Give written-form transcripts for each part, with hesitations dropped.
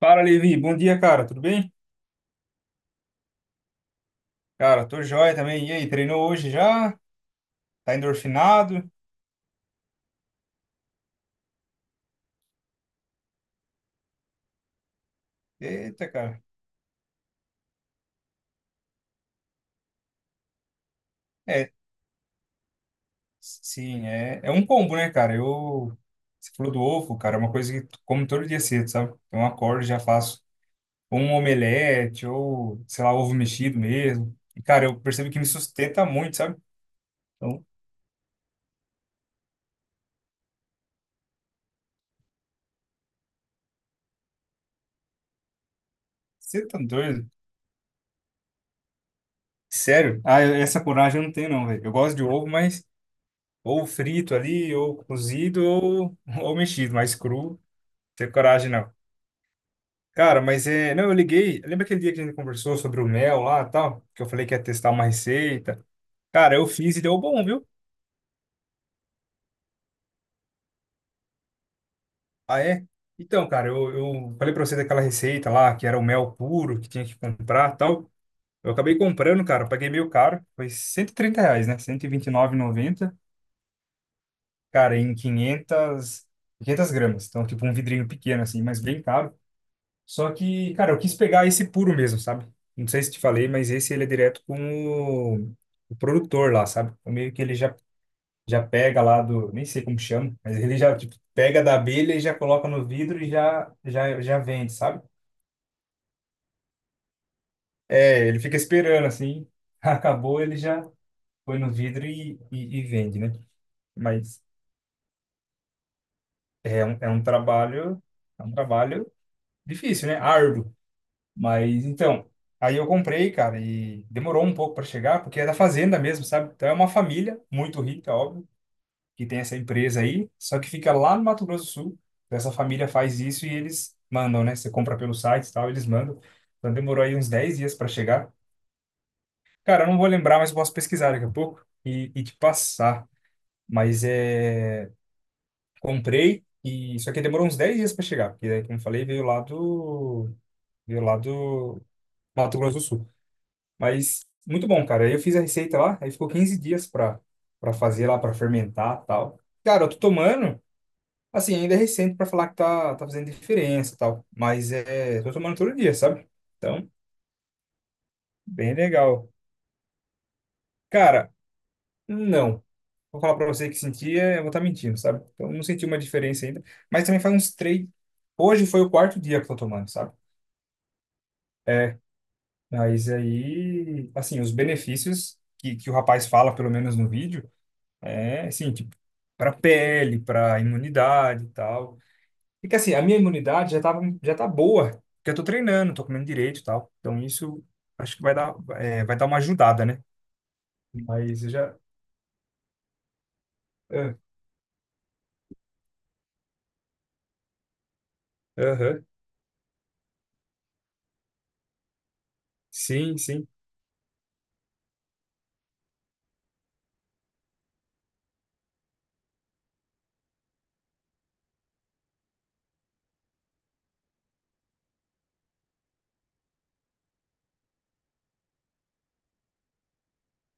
Fala, Levi. Bom dia, cara. Tudo bem? Cara, tô joia também. E aí, treinou hoje já? Tá endorfinado? Eita, cara. É, sim, é um combo, né, cara? Eu. Você falou do ovo, cara, é uma coisa que tu como todo dia cedo, sabe? Então, eu acordo e já faço um omelete ou, sei lá, ovo mexido mesmo. E, cara, eu percebo que me sustenta muito, sabe? Então, você tá doido? Sério? Ah, essa coragem eu não tenho, não, velho. Eu gosto de ovo, mas. Ou frito ali, ou cozido, ou, ou mexido, mas cru. Ter coragem, não. Cara, mas é. Não, eu liguei. Lembra aquele dia que a gente conversou sobre o mel lá e tal? Que eu falei que ia testar uma receita. Cara, eu fiz e deu bom, viu? Ah, é? Então, cara, eu falei pra você daquela receita lá, que era o mel puro, que tinha que comprar e tal. Eu acabei comprando, cara, eu paguei meio caro. Foi 130 reais, né? Cento e vinte e nove e noventa. Cara, em quinhentas gramas. Então, tipo, um vidrinho pequeno, assim, mas bem caro. Só que, cara, eu quis pegar esse puro mesmo, sabe? Não sei se te falei, mas esse ele é direto com o, o produtor lá, sabe? Então, meio que ele já, pega lá do, nem sei como chama, mas ele já tipo, pega da abelha e já coloca no vidro e já vende, sabe? É, ele fica esperando assim, acabou, ele já põe no vidro e vende, né? Mas é um, é um trabalho, é um trabalho difícil, né? Árduo. Mas então, aí eu comprei, cara, e demorou um pouco para chegar, porque é da fazenda mesmo, sabe? Então é uma família muito rica, óbvio, que tem essa empresa aí, só que fica lá no Mato Grosso do Sul. Então, essa família faz isso e eles mandam, né? Você compra pelo site e tal, eles mandam. Então demorou aí uns 10 dias para chegar. Cara, eu não vou lembrar, mas eu posso pesquisar daqui a pouco e te passar. Mas é. Comprei e só que demorou uns 10 dias para chegar, porque daí, como eu falei, veio lá do. Veio lá do Mato Grosso do Sul. Mas muito bom, cara. Aí eu fiz a receita lá, aí ficou 15 dias pra, fazer lá, pra fermentar e tal. Cara, eu tô tomando, assim, ainda é recente pra falar que tá fazendo diferença e tal. Mas é, tô tomando todo dia, sabe? Então, bem legal. Cara, não. Vou falar pra você que senti, é, eu vou estar mentindo, sabe? Então, não senti uma diferença ainda. Mas também faz uns três. Hoje foi o quarto dia que eu tô tomando, sabe? É, mas aí, assim, os benefícios que o rapaz fala, pelo menos no vídeo. É, assim, tipo, para pele, para imunidade e tal. E que assim, a minha imunidade já tava, já tá boa, porque eu tô treinando, tô comendo direito e tal. Então isso acho que vai dar, é, vai dar uma ajudada, né? Mas eu já. Ah, aham. Sim, sim.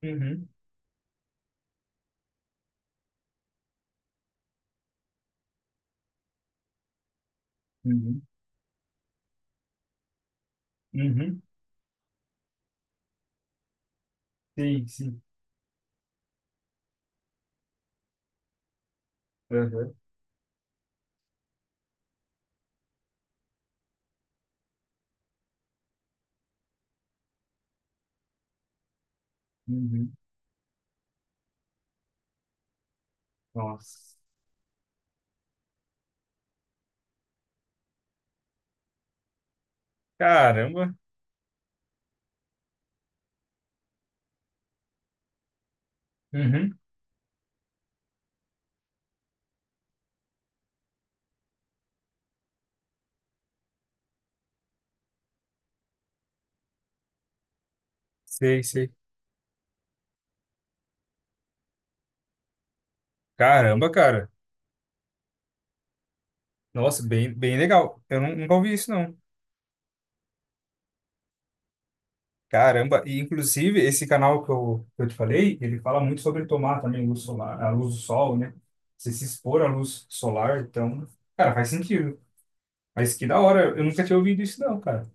Uhum. Uhum. Uhum. Sim, sim. Aham. Uhum. Nossa. Caramba. Uhum. Sei, sei. Caramba, cara. Nossa, bem, bem legal. Eu nunca ouvi isso, não. Caramba, e inclusive esse canal que eu te falei, ele fala muito sobre tomar também luz solar, a luz do sol, né? Você se expor à luz solar, então, cara, faz sentido. Mas que da hora, eu nunca tinha ouvido isso não, cara.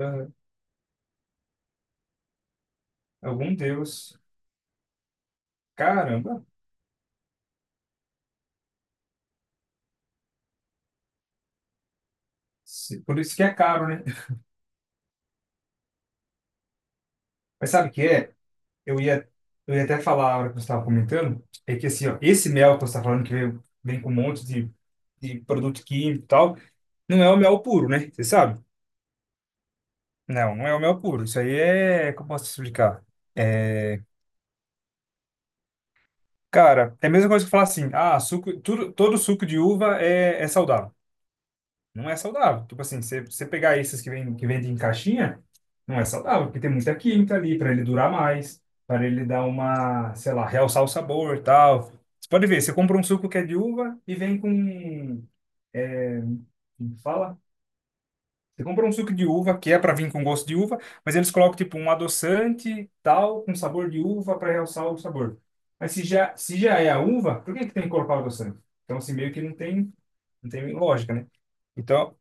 Ah, algum deus. Caramba, por isso que é caro, né? Mas sabe o que é? Eu ia, eu ia até falar a hora que você estava comentando, é que assim, ó, esse mel que você está falando que vem com um monte de produto químico e tal, não é o mel puro, né? Você sabe? Não, não é o mel puro. Isso aí é. Como posso explicar? É, cara, é a mesma coisa que falar assim: ah, suco, tudo, todo suco de uva é saudável. Não é saudável. Tipo assim, você pegar esses que, vem, que vendem em caixinha, não é saudável, porque tem muita química ali para ele durar mais, para ele dar uma, sei lá, realçar o sabor e tal. Você pode ver, você compra um suco que é de uva e vem com. É, como fala? Você compra um suco de uva, que é para vir com gosto de uva, mas eles colocam tipo um adoçante, tal, com sabor de uva para realçar o sabor. Mas se já é a uva, por que que tem que colocar o adoçante? Então, assim, meio que não tem lógica, né? Então,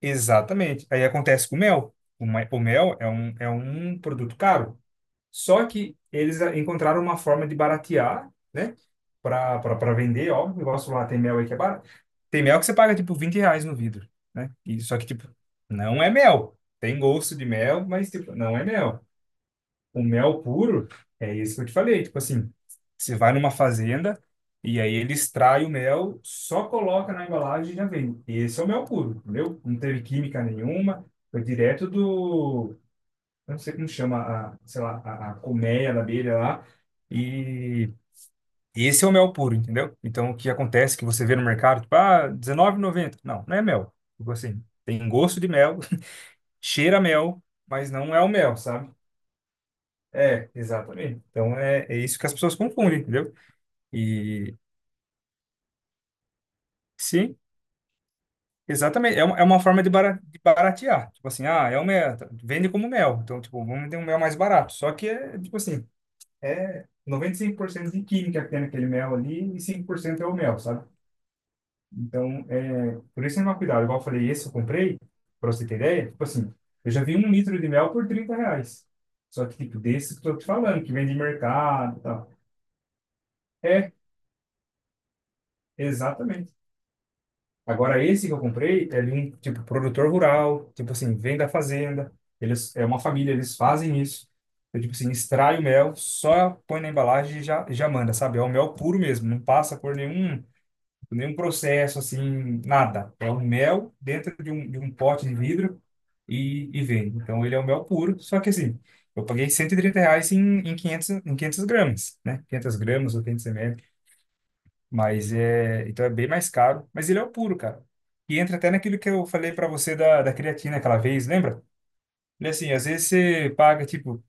exatamente. Aí acontece com o mel. O mel é um produto caro. Só que eles encontraram uma forma de baratear, né? Para vender, ó. O negócio lá tem mel aí que é barato. Tem mel que você paga tipo 20 reais no vidro, né? E, só que, tipo, não é mel. Tem gosto de mel, mas, tipo, não é mel. O mel puro é isso que eu te falei. Tipo assim, você vai numa fazenda e aí ele extrai o mel, só coloca na embalagem e já vem. Esse é o mel puro, entendeu? Não teve química nenhuma, foi direto do. Eu não sei como chama, a, sei lá, a colmeia da abelha lá. E esse é o mel puro, entendeu? Então, o que acontece é que você vê no mercado, tipo, ah, dezenove e noventa. Não, não é mel. Tipo assim, tem gosto de mel, cheira a mel, mas não é o mel, sabe? É, exatamente. Então, é isso que as pessoas confundem, entendeu? E, sim, exatamente. É uma forma de baratear. Tipo assim, é o mel, tá, vende como mel. Então, tipo, vamos ter um mel mais barato. Só que é, tipo assim, é 95% de química que tem naquele mel ali e 5% é o mel, sabe? Então, é, por isso é tomar cuidado. Igual eu falei, esse eu comprei, pra você ter ideia, tipo assim, eu já vi um litro de mel por 30 reais. Só que, tipo, desse que eu tô te falando, que vem de mercado e tal. É, exatamente. Agora, esse que eu comprei é de um, tipo, produtor rural, tipo assim, vem da fazenda, eles, é uma família, eles fazem isso. Então, tipo assim, extrai o mel, só põe na embalagem e já manda, sabe? É o mel puro mesmo, não passa cor nenhum, nenhum processo assim, nada. É um mel dentro de um pote de vidro e vende. Então ele é o mel puro, só que assim, eu paguei 130 reais em, 500, em 500 gramas, né? 500 gramas ou 500 ml, mas é, então é bem mais caro, mas ele é o puro, cara. E entra até naquilo que eu falei para você da creatina aquela vez, lembra? E assim, às vezes você paga tipo,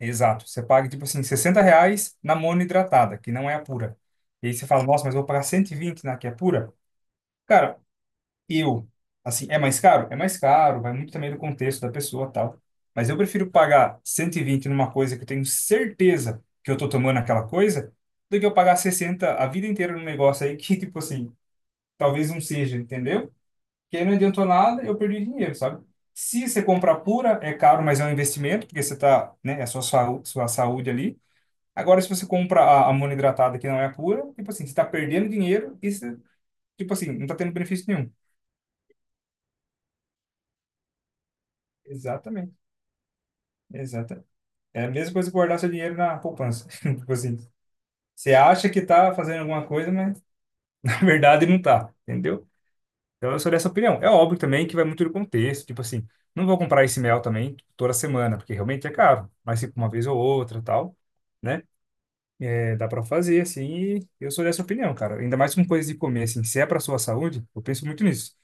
exato, você paga tipo assim, 60 reais na monohidratada, que não é a pura. E aí você fala, nossa, mas eu vou pagar 120 na que é pura? Cara, eu, assim, é mais caro? É mais caro, vai muito também do contexto da pessoa, tal. Mas eu prefiro pagar 120 numa coisa que eu tenho certeza que eu tô tomando aquela coisa, do que eu pagar 60 a vida inteira num negócio aí que, tipo assim, talvez não seja, entendeu? Que aí não adiantou nada, eu perdi dinheiro, sabe? Se você comprar pura, é caro, mas é um investimento, porque você tá, né, é a sua, sua saúde ali. Agora, se você compra a monoidratada que não é pura, tipo assim, você tá perdendo dinheiro e você, tipo assim, não tá tendo benefício nenhum. Exatamente. Exata É a mesma coisa que guardar seu dinheiro na poupança. Tipo assim, você acha que tá fazendo alguma coisa, mas na verdade não tá, entendeu? Então eu sou dessa opinião. É óbvio também que vai muito do contexto, tipo assim, não vou comprar esse mel também toda semana, porque realmente é caro, mas tipo uma vez ou outra, tal, né? É, dá pra fazer assim, e eu sou dessa opinião, cara. Ainda mais com coisas de comer assim, se é pra sua saúde, eu penso muito nisso.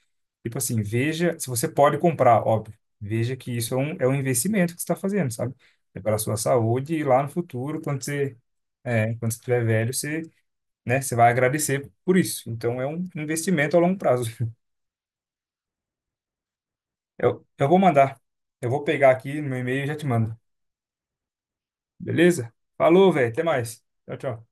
Tipo assim, veja, se você pode comprar, óbvio, veja que isso é um investimento que você está fazendo, sabe? É para a sua saúde e lá no futuro, quando você estiver velho, você, né, você vai agradecer por isso. Então, é um investimento a longo prazo. Eu vou mandar. Eu vou pegar aqui no meu e-mail e já te mando. Beleza? Falou, velho. Até mais. Tchau, tchau.